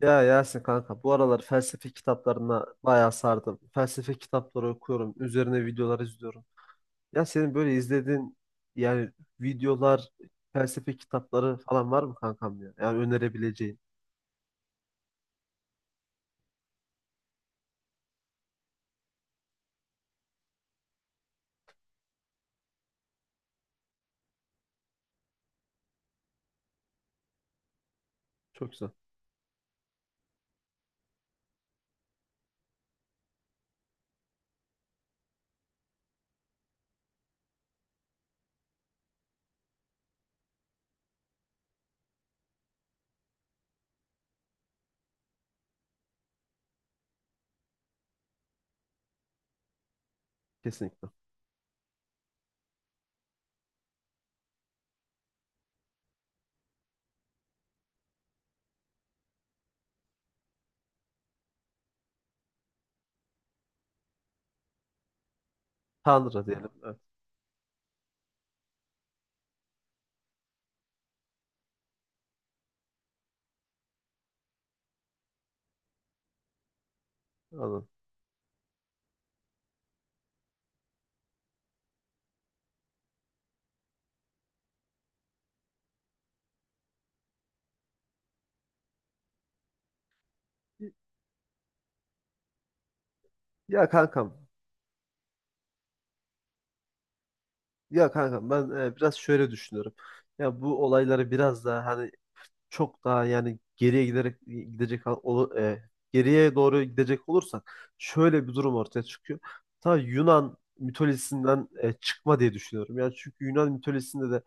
Ya Yasin kanka, bu aralar felsefe kitaplarına bayağı sardım. Felsefe kitapları okuyorum. Üzerine videolar izliyorum. Ya senin böyle izlediğin yani videolar, felsefe kitapları falan var mı kankam ya? Yani önerebileceğin. Çok güzel. Kesinlikle. Tanrı diyelim. Evet. Anladım. Ya kankam. Ya kankam, ben biraz şöyle düşünüyorum. Ya bu olayları biraz daha hani çok daha yani geriye giderek gidecek geriye doğru gidecek olursak şöyle bir durum ortaya çıkıyor. Ta Yunan mitolojisinden çıkma diye düşünüyorum. Yani çünkü Yunan mitolojisinde de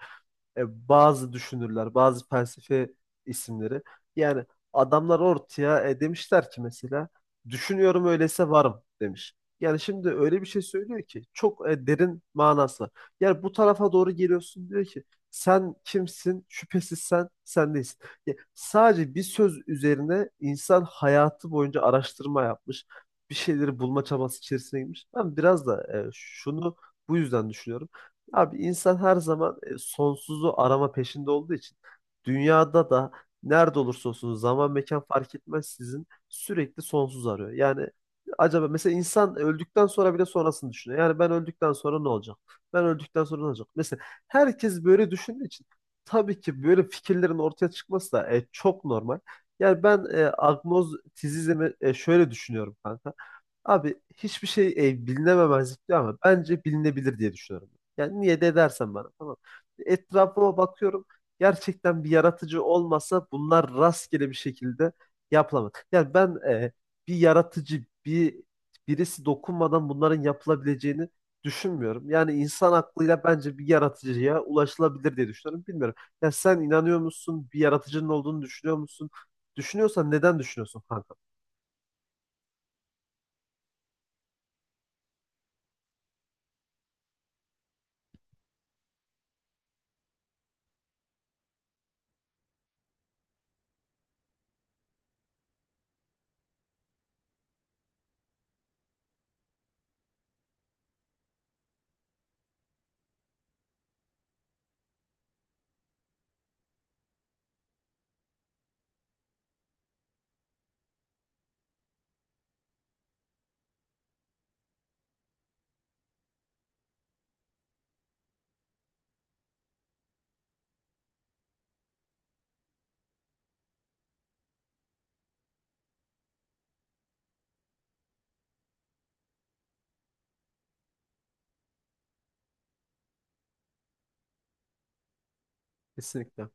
bazı düşünürler, bazı felsefe isimleri. Yani adamlar ortaya demişler ki mesela düşünüyorum öyleyse varım demiş. Yani şimdi öyle bir şey söylüyor ki çok derin manası var. Yani bu tarafa doğru geliyorsun, diyor ki sen kimsin? Şüphesiz sen, sen değilsin. Ya, sadece bir söz üzerine insan hayatı boyunca araştırma yapmış. Bir şeyleri bulma çabası içerisine girmiş. Ben biraz da şunu bu yüzden düşünüyorum. Abi insan her zaman sonsuzu arama peşinde olduğu için dünyada da nerede olursa olsun zaman mekan fark etmez sizin sürekli sonsuz arıyor. Yani acaba mesela insan öldükten sonra bile sonrasını düşünüyor. Yani ben öldükten sonra ne olacak? Ben öldükten sonra ne olacak? Mesela herkes böyle düşündüğü için tabii ki böyle fikirlerin ortaya çıkması da çok normal. Yani ben agnostizizmi şöyle düşünüyorum kanka. Abi hiçbir şey bilinememezlik diyor ama bence bilinebilir diye düşünüyorum. Yani niye de dersen bana tamam. Etrafıma bakıyorum. Gerçekten bir yaratıcı olmasa bunlar rastgele bir şekilde yapılamaz. Yani ben bir yaratıcı bir birisi dokunmadan bunların yapılabileceğini düşünmüyorum. Yani insan aklıyla bence bir yaratıcıya ulaşılabilir diye düşünüyorum. Bilmiyorum. Ya sen inanıyor musun? Bir yaratıcının olduğunu düşünüyor musun? Düşünüyorsan neden düşünüyorsun kanka? Kesinlikle.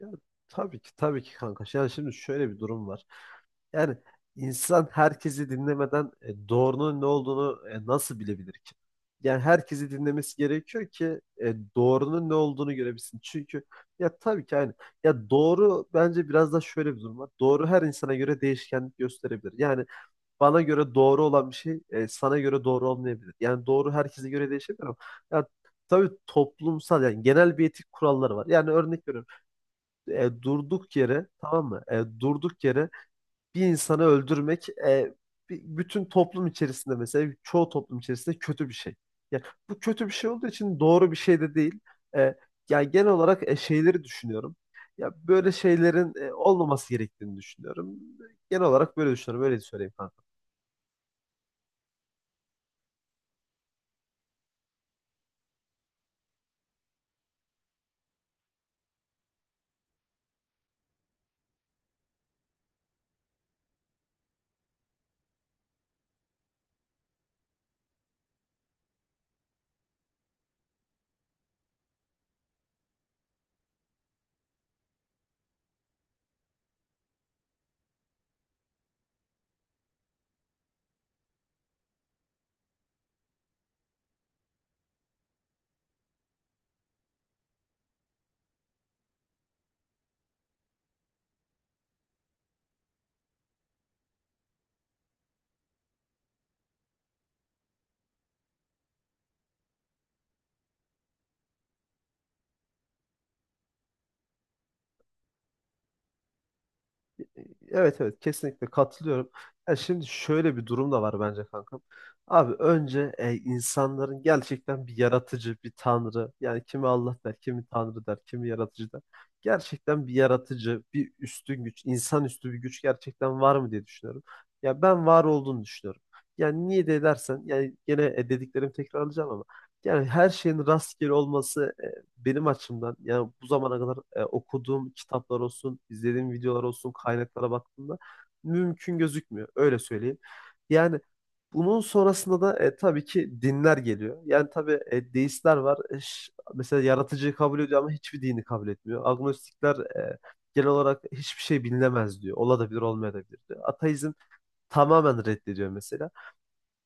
Yani tabii ki tabii ki kanka. Yani şimdi şöyle bir durum var. Yani insan herkesi dinlemeden doğrunun ne olduğunu nasıl bilebilir ki? Yani herkesi dinlemesi gerekiyor ki doğrunun ne olduğunu görebilsin. Çünkü ya tabii ki aynı. Ya doğru bence biraz da şöyle bir durum var. Doğru her insana göre değişkenlik gösterebilir. Yani bana göre doğru olan bir şey sana göre doğru olmayabilir. Yani doğru herkese göre değişebilir ama ya tabii toplumsal yani genel bir etik kuralları var. Yani örnek veriyorum. Durduk yere tamam mı? Durduk yere bir insanı öldürmek bütün toplum içerisinde mesela çoğu toplum içerisinde kötü bir şey. Yani bu kötü bir şey olduğu için doğru bir şey de değil. E, yani genel olarak şeyleri düşünüyorum. Ya böyle şeylerin olmaması gerektiğini düşünüyorum. Genel olarak böyle düşünüyorum. Öyle söyleyeyim, kanka. Evet evet, kesinlikle katılıyorum. Ya şimdi şöyle bir durum da var bence kankam. Abi önce insanların gerçekten bir yaratıcı, bir tanrı. Yani kimi Allah der, kimi tanrı der, kimi yaratıcı der. Gerçekten bir yaratıcı, bir üstün güç, insanüstü bir güç gerçekten var mı diye düşünüyorum. Ya ben var olduğunu düşünüyorum. Yani niye de dersen, yani gene dediklerimi tekrarlayacağım ama. Yani her şeyin rastgele olması benim açımdan yani bu zamana kadar okuduğum kitaplar olsun, izlediğim videolar olsun, kaynaklara baktığımda mümkün gözükmüyor. Öyle söyleyeyim. Yani bunun sonrasında da tabii ki dinler geliyor. Yani tabii deistler var. Mesela yaratıcıyı kabul ediyor ama hiçbir dini kabul etmiyor. Agnostikler genel olarak hiçbir şey bilinemez diyor. Olabilir, olmayabilir diyor. Ateizm tamamen reddediyor mesela.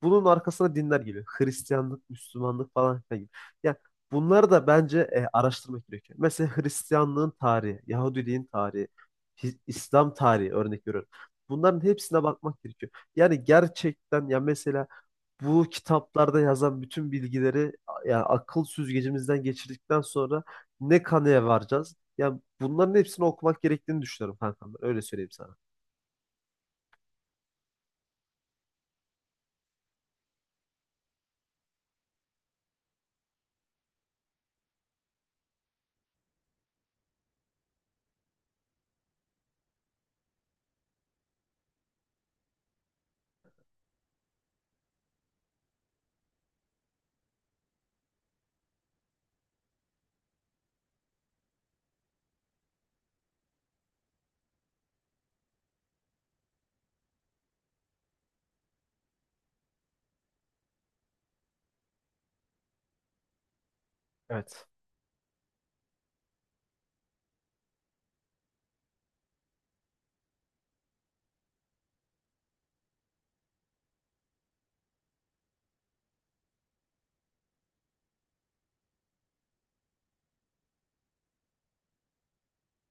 Bunun arkasına dinler geliyor. Hristiyanlık, Müslümanlık falan filan gibi. Yani bunları da bence araştırmak gerekiyor. Mesela Hristiyanlığın tarihi, Yahudiliğin tarihi, İslam tarihi örnek veriyorum. Bunların hepsine bakmak gerekiyor. Yani gerçekten ya mesela bu kitaplarda yazan bütün bilgileri yani akıl süzgecimizden geçirdikten sonra ne kanıya varacağız? Yani bunların hepsini okumak gerektiğini düşünüyorum kankam, ben. Öyle söyleyeyim sana. Evet.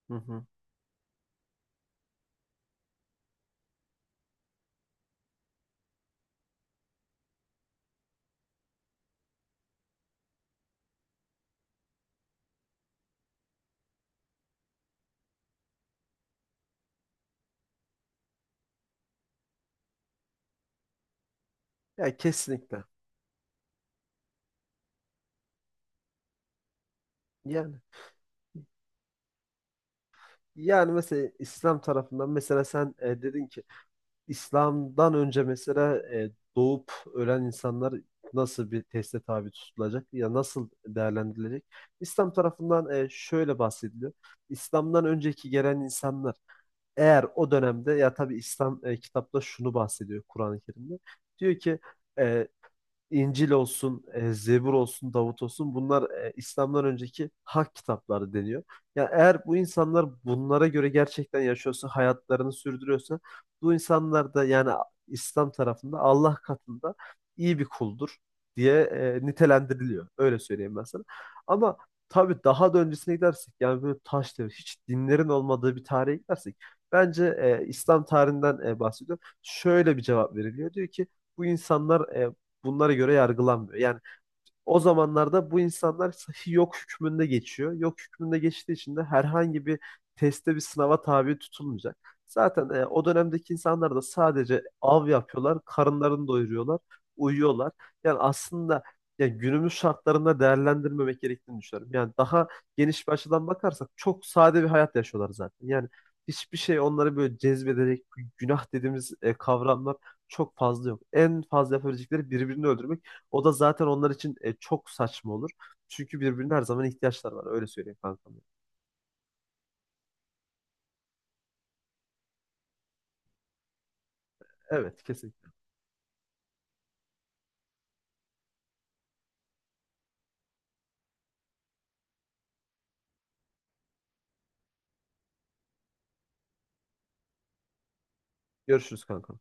Hı hı. Ya kesinlikle. Ya yani mesela İslam tarafından mesela sen dedin ki İslam'dan önce mesela doğup ölen insanlar nasıl bir teste tabi tutulacak ya nasıl değerlendirilecek? İslam tarafından şöyle bahsediliyor. İslam'dan önceki gelen insanlar eğer o dönemde ya tabii İslam kitapta şunu bahsediyor Kur'an-ı Kerim'de. Diyor ki e, İncil olsun, Zebur olsun, Davut olsun bunlar İslam'dan önceki hak kitapları deniyor. Yani eğer bu insanlar bunlara göre gerçekten yaşıyorsa, hayatlarını sürdürüyorsa bu insanlar da yani İslam tarafında Allah katında iyi bir kuldur diye nitelendiriliyor. Öyle söyleyeyim ben sana. Ama tabii daha da öncesine gidersek yani böyle taş devri, hiç dinlerin olmadığı bir tarihe gidersek bence İslam tarihinden bahsediyor. Şöyle bir cevap veriliyor. Diyor ki bu insanlar bunlara göre yargılanmıyor. Yani o zamanlarda bu insanlar sahi yok hükmünde geçiyor. Yok hükmünde geçtiği için de herhangi bir teste bir sınava tabi tutulmayacak. Zaten o dönemdeki insanlar da sadece av yapıyorlar, karınlarını doyuruyorlar, uyuyorlar. Yani aslında ya günümüz şartlarında değerlendirmemek gerektiğini düşünüyorum. Yani daha geniş bir açıdan bakarsak çok sade bir hayat yaşıyorlar zaten. Yani hiçbir şey onları böyle cezbedecek günah dediğimiz kavramlar çok fazla yok. En fazla yapabilecekleri birbirini öldürmek. O da zaten onlar için çok saçma olur. Çünkü birbirine her zaman ihtiyaçlar var. Öyle söyleyeyim kankam. Evet kesinlikle. Görüşürüz kankam.